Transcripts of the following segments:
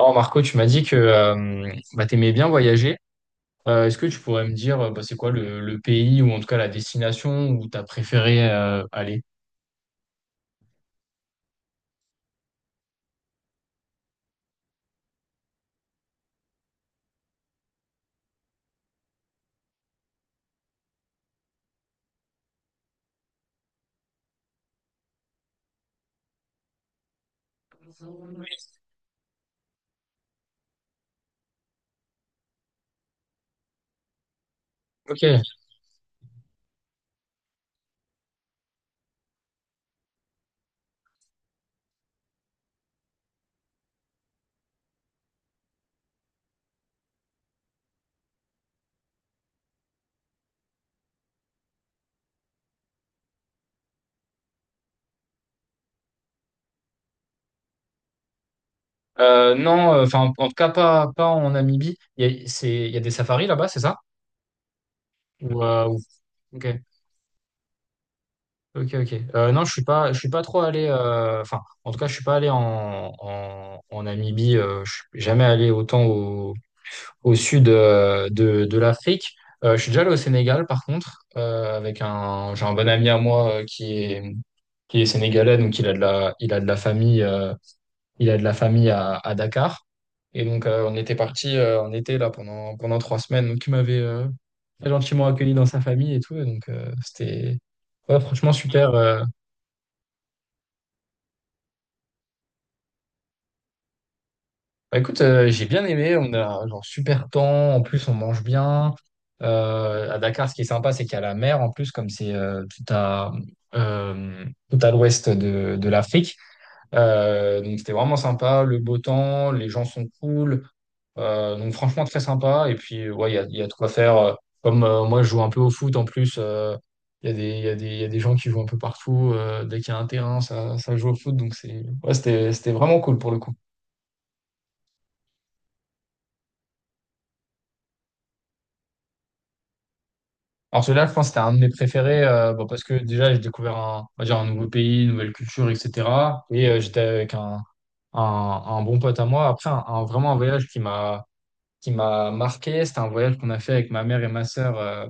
Oh Marco, tu m'as dit que bah, tu aimais bien voyager. Est-ce que tu pourrais me dire bah, c'est quoi le pays ou en tout cas la destination où tu as préféré aller? Ok. Non, enfin en tout cas pas en Namibie. Il y a des safaris là-bas, c'est ça? Ou, euh, ou- Ok, ok, ok. Non, je suis pas trop allé. Enfin, en tout cas, je suis pas allé en Namibie. Je suis jamais allé autant au sud de l'Afrique. Je suis déjà allé au Sénégal, par contre, j'ai un bon ami à moi, qui est sénégalais, donc il a de la famille à Dakar. Et donc, on était parti en été là pendant 3 semaines. Donc, il m'avait très gentiment accueilli dans sa famille et tout. Et donc, c'était ouais, franchement super. Bah, écoute, j'ai bien aimé. On a genre super temps. En plus, on mange bien. À Dakar, ce qui est sympa, c'est qu'il y a la mer. En plus, comme c'est euh, tout à l'ouest de l'Afrique. Donc c'était vraiment sympa. Le beau temps, les gens sont cool. Donc franchement, très sympa. Et puis, ouais, il y a de quoi faire. Comme moi, je joue un peu au foot en plus. Il y a des gens qui jouent un peu partout. Dès qu'il y a un terrain, ça joue au foot. Donc ouais, c'était vraiment cool pour le coup. Alors celui-là, je pense que c'était un de mes préférés, bon, parce que déjà, j'ai découvert on va dire un nouveau pays, une nouvelle culture, etc. Et j'étais avec un bon pote à moi. Après, vraiment un voyage qui m'a marqué, c'était un voyage qu'on a fait avec ma mère et ma sœur,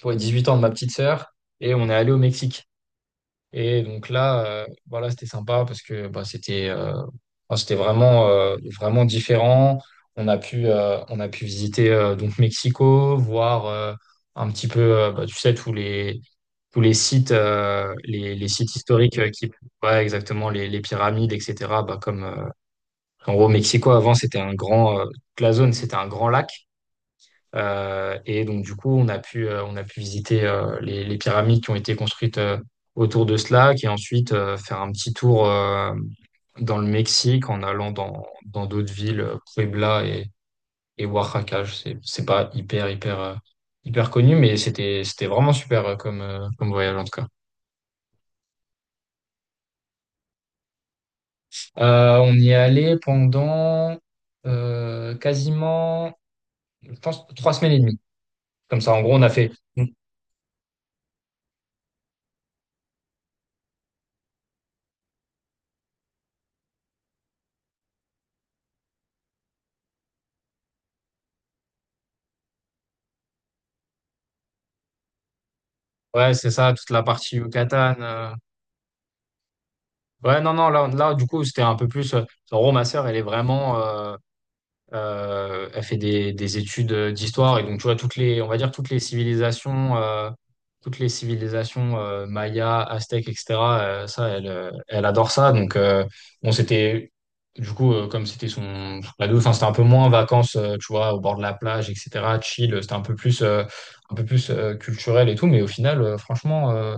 pour les 18 ans de ma petite sœur. Et on est allé au Mexique. Et donc là, voilà, c'était sympa parce que bah, c'était enfin, c'était vraiment, vraiment différent. On a pu visiter, donc Mexico, voir un petit peu, bah, tu sais, tous les sites, les sites historiques, ouais, exactement, les pyramides, etc. Bah, comme, en gros, Mexico, avant, toute la zone, c'était un grand lac. Et donc, du coup, on a pu visiter les pyramides qui ont été construites, autour de cela, et ensuite faire un petit tour dans le Mexique en allant dans d'autres villes, Puebla et Oaxaca. C'est pas hyper, hyper, hyper connu, mais c'était vraiment super, comme voyage en tout cas. On y est allé pendant quasiment, je pense, 3 semaines et demie. Comme ça, en gros, on a fait, ouais, c'est ça, toute la partie Yucatan. Ouais, non, non, là du coup, c'était un peu plus. Ma sœur, elle est vraiment. Elle fait des études d'histoire et donc tu vois on va dire toutes les civilisations, Maya, Aztèques, etc. Ça, elle, elle adore ça. Donc, bon, c'était du coup, comme c'était son ado, enfin c'était un peu moins vacances, tu vois, au bord de la plage, etc. Chill, c'était un peu plus culturel et tout. Mais au final, franchement,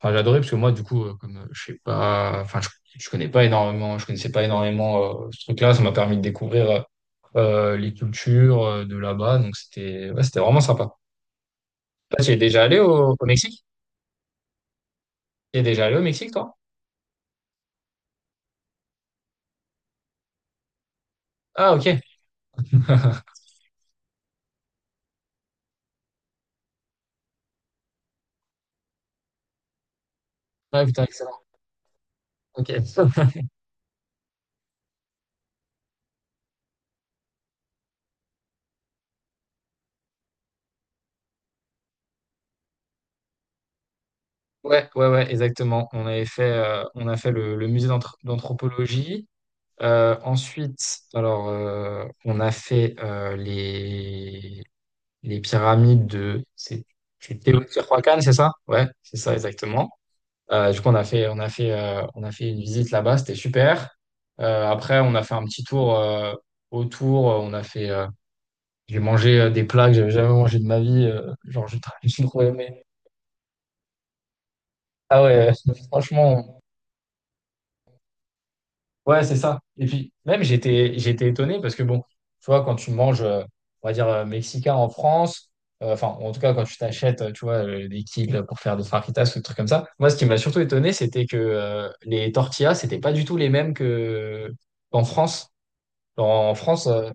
enfin, j'ai adoré parce que moi, du coup, comme je sais pas, je connaissais pas énormément, ce truc-là, ça m'a permis de découvrir. Les cultures de là-bas. Donc c'était ouais, c'était vraiment sympa. Ah, tu es déjà allé au Mexique? Tu es déjà allé au Mexique, toi? Ah, ok. Ah, putain, excellent. Ok. Ouais, ouais, ouais, exactement. On a fait le musée d'anthropologie. Ensuite, alors, on a fait les pyramides de. C'est Teotihuacan, c'est ça? Ouais, c'est ça, exactement. Du coup, on a fait une visite là-bas, c'était super. Après, on a fait un petit tour autour. J'ai mangé des plats que j'avais jamais mangé de ma vie. Genre, j'ai j'ai trop aimé. Ah ouais, franchement. Ouais, c'est ça. Et puis, même, j'étais étonné parce que, bon, tu vois, quand tu manges, on va dire, mexicain en France, enfin, en tout cas, quand tu t'achètes, tu vois, des kills pour faire des fajitas ou des trucs comme ça, moi, ce qui m'a surtout étonné, c'était que les tortillas, c'était pas du tout les mêmes que qu'en France. En France,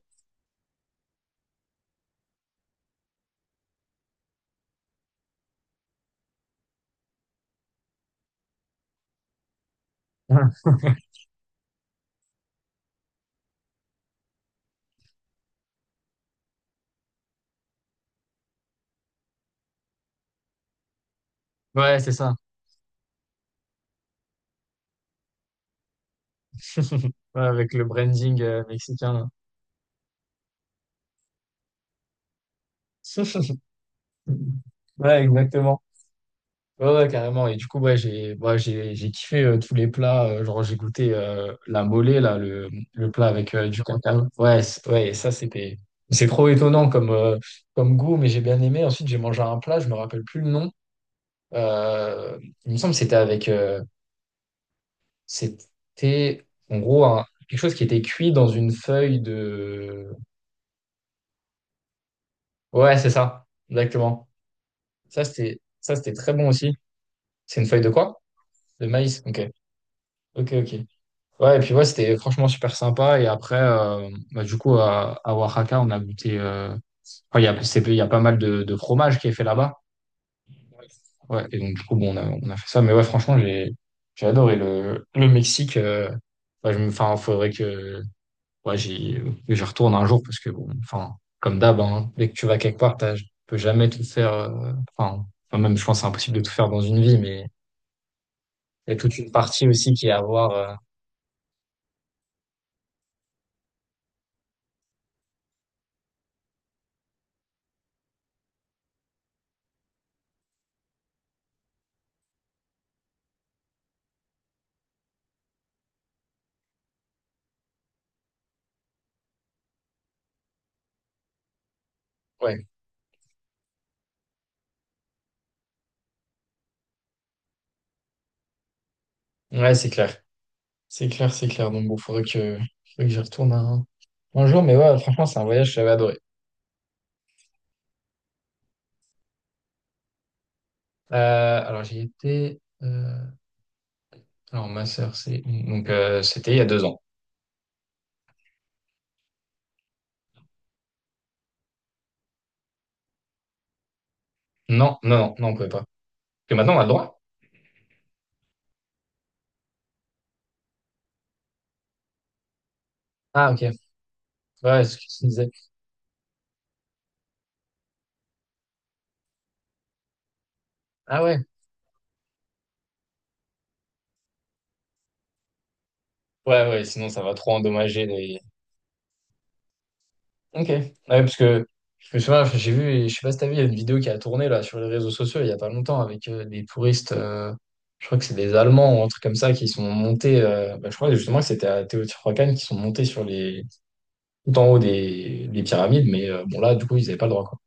ouais, ouais, c'est ça. Ouais, avec le branding, mexicain, là. Ouais, exactement. Ouais, ouais, carrément. Et du coup, ouais, j'ai ouais, j'ai kiffé tous les plats. Genre, j'ai goûté la mollet, là, le plat avec du cancane. Ouais, ouais, ça, c'était. C'est trop étonnant comme goût, mais j'ai bien aimé. Ensuite, j'ai mangé un plat, je me rappelle plus le nom. Euh, il me semble que c'était avec. C'était, en gros, quelque chose qui était cuit dans une feuille de. Ouais, c'est ça, exactement. Ça, c'était très bon aussi. C'est une feuille de quoi? De maïs. Ok. Ok, ok. Ouais, et puis ouais, c'était franchement super sympa. Et après, bah, du coup, à Oaxaca, on a goûté. Enfin, il y a pas mal de fromage qui est fait là-bas. Ouais, et donc, du coup, bon, on a fait ça. Mais ouais, franchement, j'ai adoré le Mexique. Ouais, enfin, faudrait que ouais, que j'y retourne un jour parce que, bon, enfin, comme d'hab, hein, dès que tu vas quelque part, tu peux jamais tout faire. Enfin, même, je pense que c'est impossible de tout faire dans une vie, mais il y a toute une partie aussi qui est à voir. Ouais, ouais, c'est clair. C'est clair, c'est clair. Donc bon, faudrait que j'y retourne un jour. Mais ouais, franchement, c'est un voyage que j'avais adoré. Euh, alors j'y étais. Alors ma sœur, c'est donc, c'était il y a 2 ans. Non, non, non, non, on pouvait pas. Parce que maintenant on a le droit. Ah, ok. Ouais, c'est ce que tu disais. Ah ouais. Ouais, ouais. Sinon ça va trop endommager les... Ok. Ouais, parce que souvent, j'ai vu, je sais pas si t'as vu, il y a une vidéo qui a tourné là sur les réseaux sociaux il y a pas longtemps avec des touristes, je crois que c'est des Allemands ou un truc comme ça, qui sont montés, bah, je crois justement que c'était à Teotihuacan, qui sont montés tout en haut des pyramides, mais bon là, du coup, ils avaient pas le droit, quoi.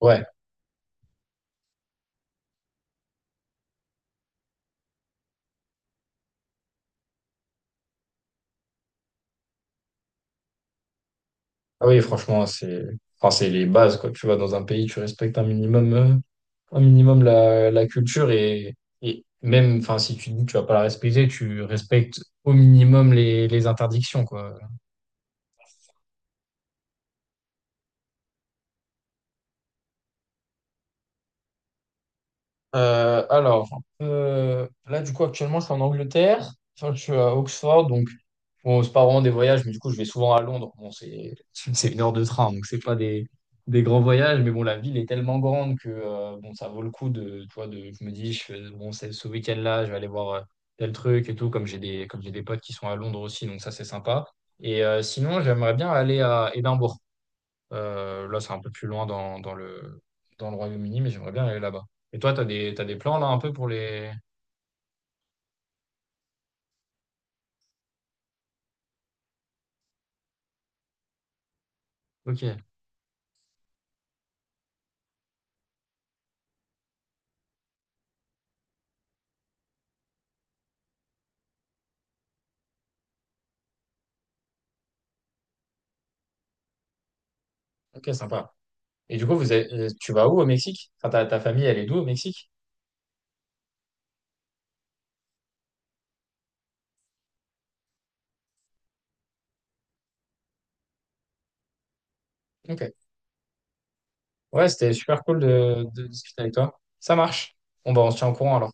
Ouais. Ah oui, franchement, enfin, c'est les bases, quoi. Tu vas dans un pays, tu respectes un minimum la culture et même, enfin, si tu dis que tu vas pas la respecter, tu respectes au minimum les interdictions, quoi. Alors, là, du coup, actuellement, je suis en Angleterre. Enfin, je suis à Oxford, donc bon, c'est pas vraiment des voyages, mais du coup, je vais souvent à Londres. Bon, c'est 1 heure de train, donc c'est pas des grands voyages, mais bon, la ville est tellement grande que, bon, ça vaut le coup tu vois, je me dis, bon, c'est ce week-end-là, je vais aller voir tel truc et tout, comme comme j'ai des potes qui sont à Londres aussi, donc ça, c'est sympa. Et sinon, j'aimerais bien aller à Édimbourg. Là, c'est un peu plus loin dans le Royaume-Uni, mais j'aimerais bien aller là-bas. Et toi, t'as des plans là un peu pour les... Ok, ok, sympa. Et du coup, tu vas où au Mexique? Enfin, ta famille, elle est d'où au Mexique? Ok. Ouais, c'était super cool de discuter avec toi. Ça marche. Bon, bah, on se tient au courant alors.